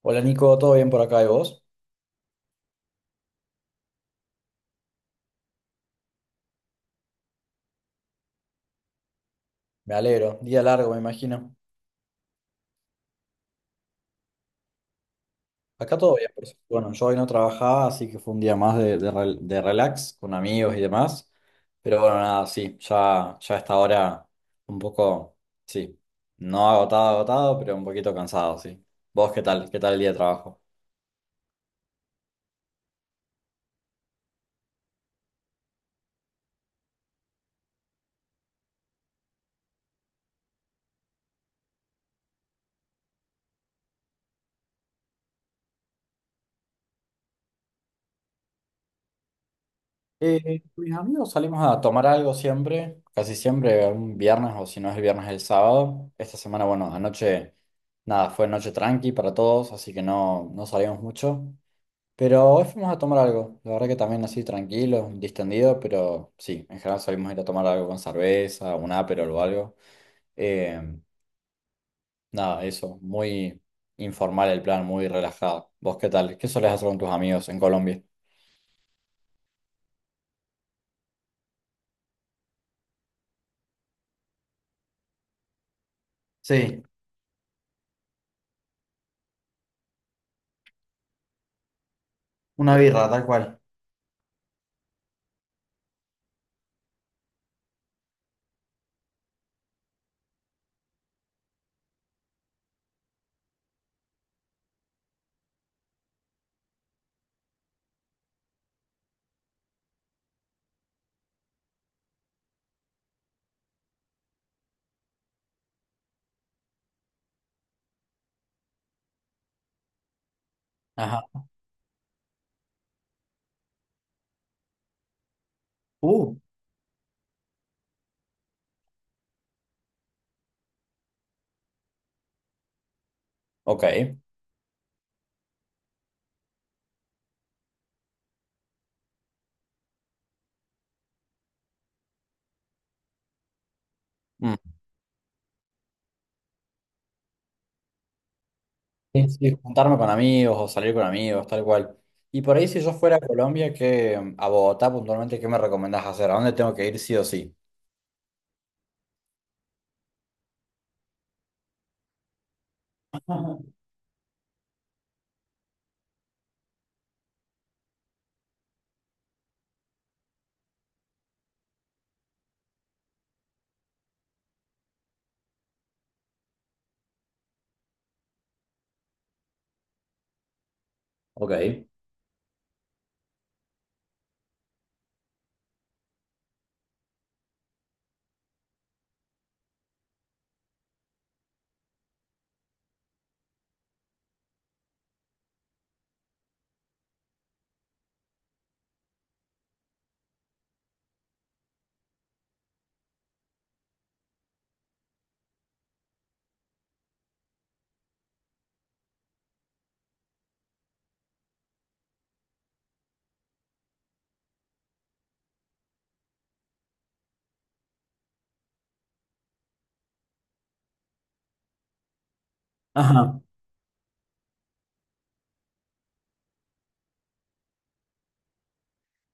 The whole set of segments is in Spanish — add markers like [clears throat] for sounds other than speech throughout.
Hola Nico, ¿todo bien por acá y vos? Me alegro, día largo me imagino. Acá todo bien, por suerte. Bueno, yo hoy no trabajaba, así que fue un día más de relax con amigos y demás. Pero bueno, nada, sí, ya a esta hora un poco, sí, no agotado, agotado, pero un poquito cansado, sí. ¿Vos qué tal? ¿Qué tal el día de trabajo? Mis amigos salimos a tomar algo siempre, casi siempre, un viernes o si no es el viernes, el sábado. Esta semana, bueno, anoche, nada, fue noche tranqui para todos, así que no, no salimos mucho. Pero hoy fuimos a tomar algo, la verdad que también así tranquilo, distendido, pero sí, en general salimos a ir a tomar algo con cerveza, un aperol o algo. Eh, Nada, eso, muy informal el plan, muy relajado. ¿Vos qué tal? ¿Qué solés hacer con tus amigos en Colombia? Sí, una birra, tal cual. Ajá. Uh, Ok. Mm. Sí, sí, juntarme con amigos o salir con amigos, tal cual. Y por ahí, si yo fuera a Colombia, que a Bogotá puntualmente, ¿qué me recomendás hacer? ¿A dónde tengo que ir sí o sí? Ok. Ajá.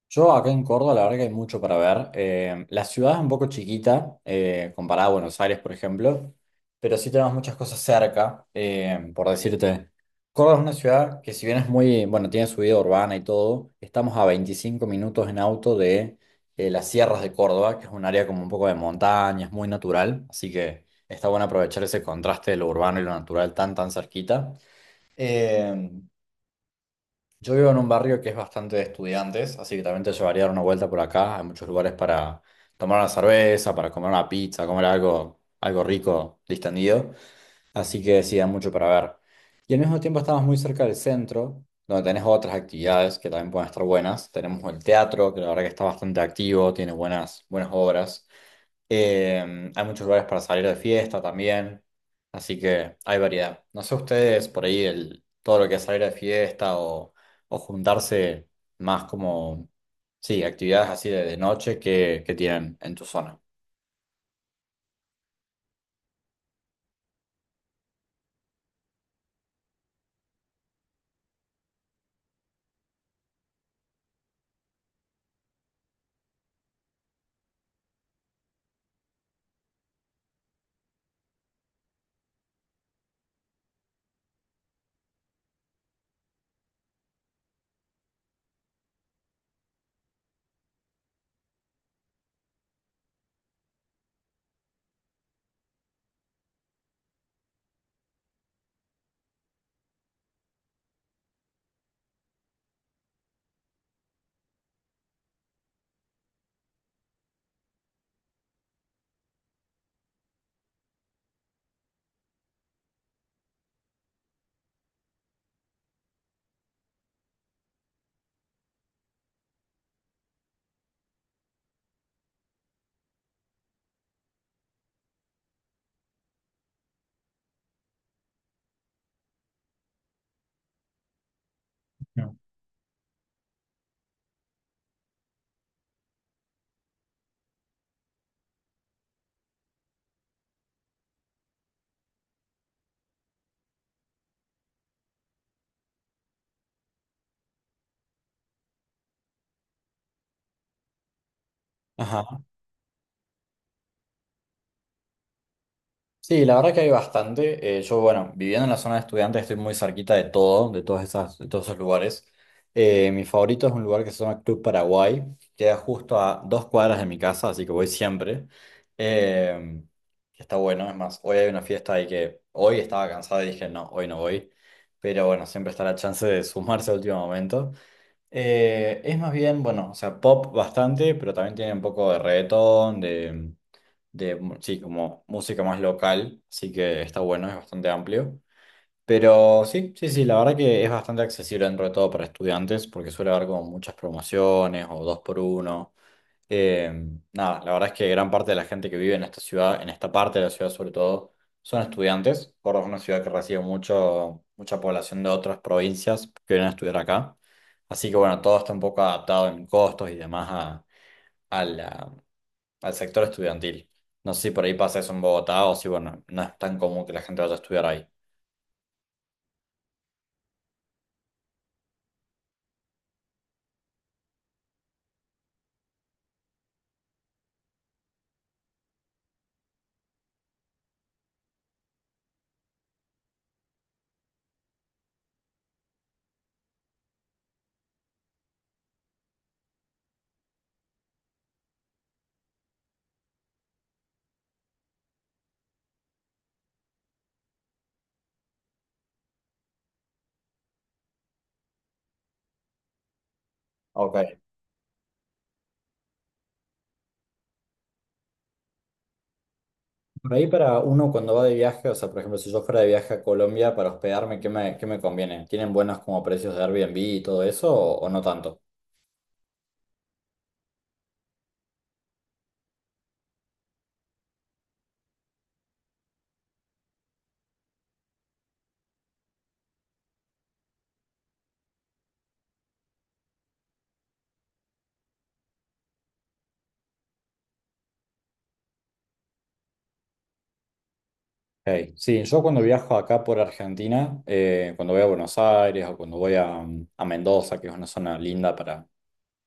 Yo acá en Córdoba, la verdad que hay mucho para ver. La ciudad es un poco chiquita, comparada a Buenos Aires, por ejemplo, pero sí tenemos muchas cosas cerca, por decirte. Córdoba es una ciudad que si bien es muy, bueno, tiene su vida urbana y todo, estamos a 25 minutos en auto de las sierras de Córdoba, que es un área como un poco de montaña, es muy natural, así que está bueno aprovechar ese contraste de lo urbano y lo natural tan, tan cerquita. Em, yo vivo en un barrio que es bastante de estudiantes, así que también te llevaría a dar una vuelta por acá. Hay muchos lugares para tomar una cerveza, para comer una pizza, comer algo, algo rico, distendido. Así que sí, hay mucho para ver. Y al mismo tiempo estamos muy cerca del centro, donde tenés otras actividades que también pueden estar buenas. Tenemos el teatro, que la verdad que está bastante activo, tiene buenas, buenas obras. Hay muchos lugares para salir de fiesta también, así que hay variedad. No sé ustedes por ahí todo lo que es salir de fiesta o juntarse más como, sí, actividades así de noche que tienen en tu zona. No. Ajá. Sí, la verdad que hay bastante. Yo, bueno, viviendo en la zona de estudiantes estoy muy cerquita de todo, de todas esas, de todos esos lugares. Mi favorito es un lugar que se llama Club Paraguay, queda justo a 2 cuadras de mi casa, así que voy siempre. Eh, que está bueno, es más, hoy hay una fiesta ahí que hoy estaba cansado y dije, no, hoy no voy. Pero bueno, siempre está la chance de sumarse al último momento. Es más bien, bueno, o sea, pop bastante, pero también tiene un poco de reggaetón, sí, como música más local, así que está bueno, es bastante amplio. Pero sí, sí, sí, la verdad que es bastante accesible dentro de todo para estudiantes, porque suele haber como muchas promociones o dos por uno. Eh, Nada, la verdad es que gran parte de la gente que vive en esta ciudad, en esta parte de la ciudad sobre todo, son estudiantes. Córdoba es una ciudad que recibe mucho, mucha población de otras provincias que vienen a estudiar acá. Así que bueno, todo está un poco adaptado en costos y demás a, a la- al sector estudiantil. No sé si por ahí pasa eso en Bogotá o si, bueno, no es tan común que la gente vaya a estudiar ahí. Ok. Por ahí para uno cuando va de viaje, o sea, por ejemplo, si yo fuera de viaje a Colombia para hospedarme, ¿qué me conviene? ¿Tienen buenos como precios de Airbnb y todo eso o no tanto? Hey, sí, yo cuando viajo acá por Argentina, cuando voy a Buenos Aires o cuando voy a, a Mendoza, que es una zona linda para,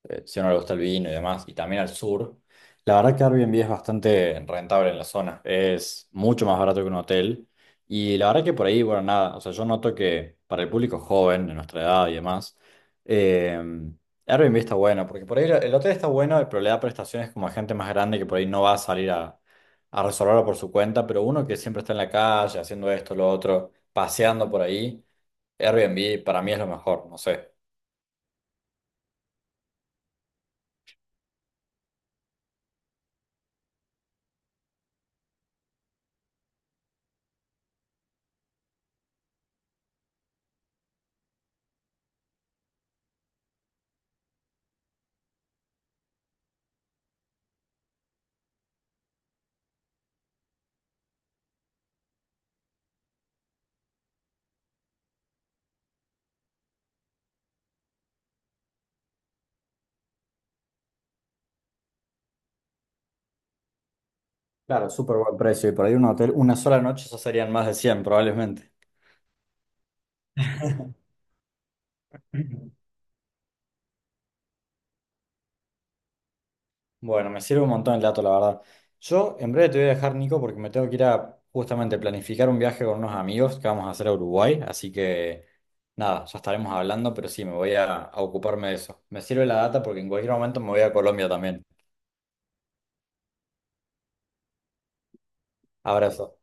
si a uno le gusta el vino y demás, y también al sur. La verdad que Airbnb es bastante rentable en la zona, es mucho más barato que un hotel. Y la verdad que por ahí, bueno, nada, o sea, yo noto que para el público joven, de nuestra edad y demás, eh, Airbnb está bueno, porque por ahí el hotel está bueno, pero le da prestaciones como a gente más grande que por ahí no va a salir a, resolverlo por su cuenta, pero uno que siempre está en la calle haciendo esto, lo otro, paseando por ahí, Airbnb para mí es lo mejor, no sé. Claro, súper buen precio. Y por ahí un hotel, una sola noche, ya serían más de 100 probablemente. [clears throat] Bueno, me sirve un montón el dato, la verdad. Yo en breve te voy a dejar, Nico, porque me tengo que ir a justamente planificar un viaje con unos amigos que vamos a hacer a Uruguay. Así que nada, ya estaremos hablando, pero sí, me voy a, ocuparme de eso. Me sirve la data porque en cualquier momento me voy a Colombia también. Abrazo.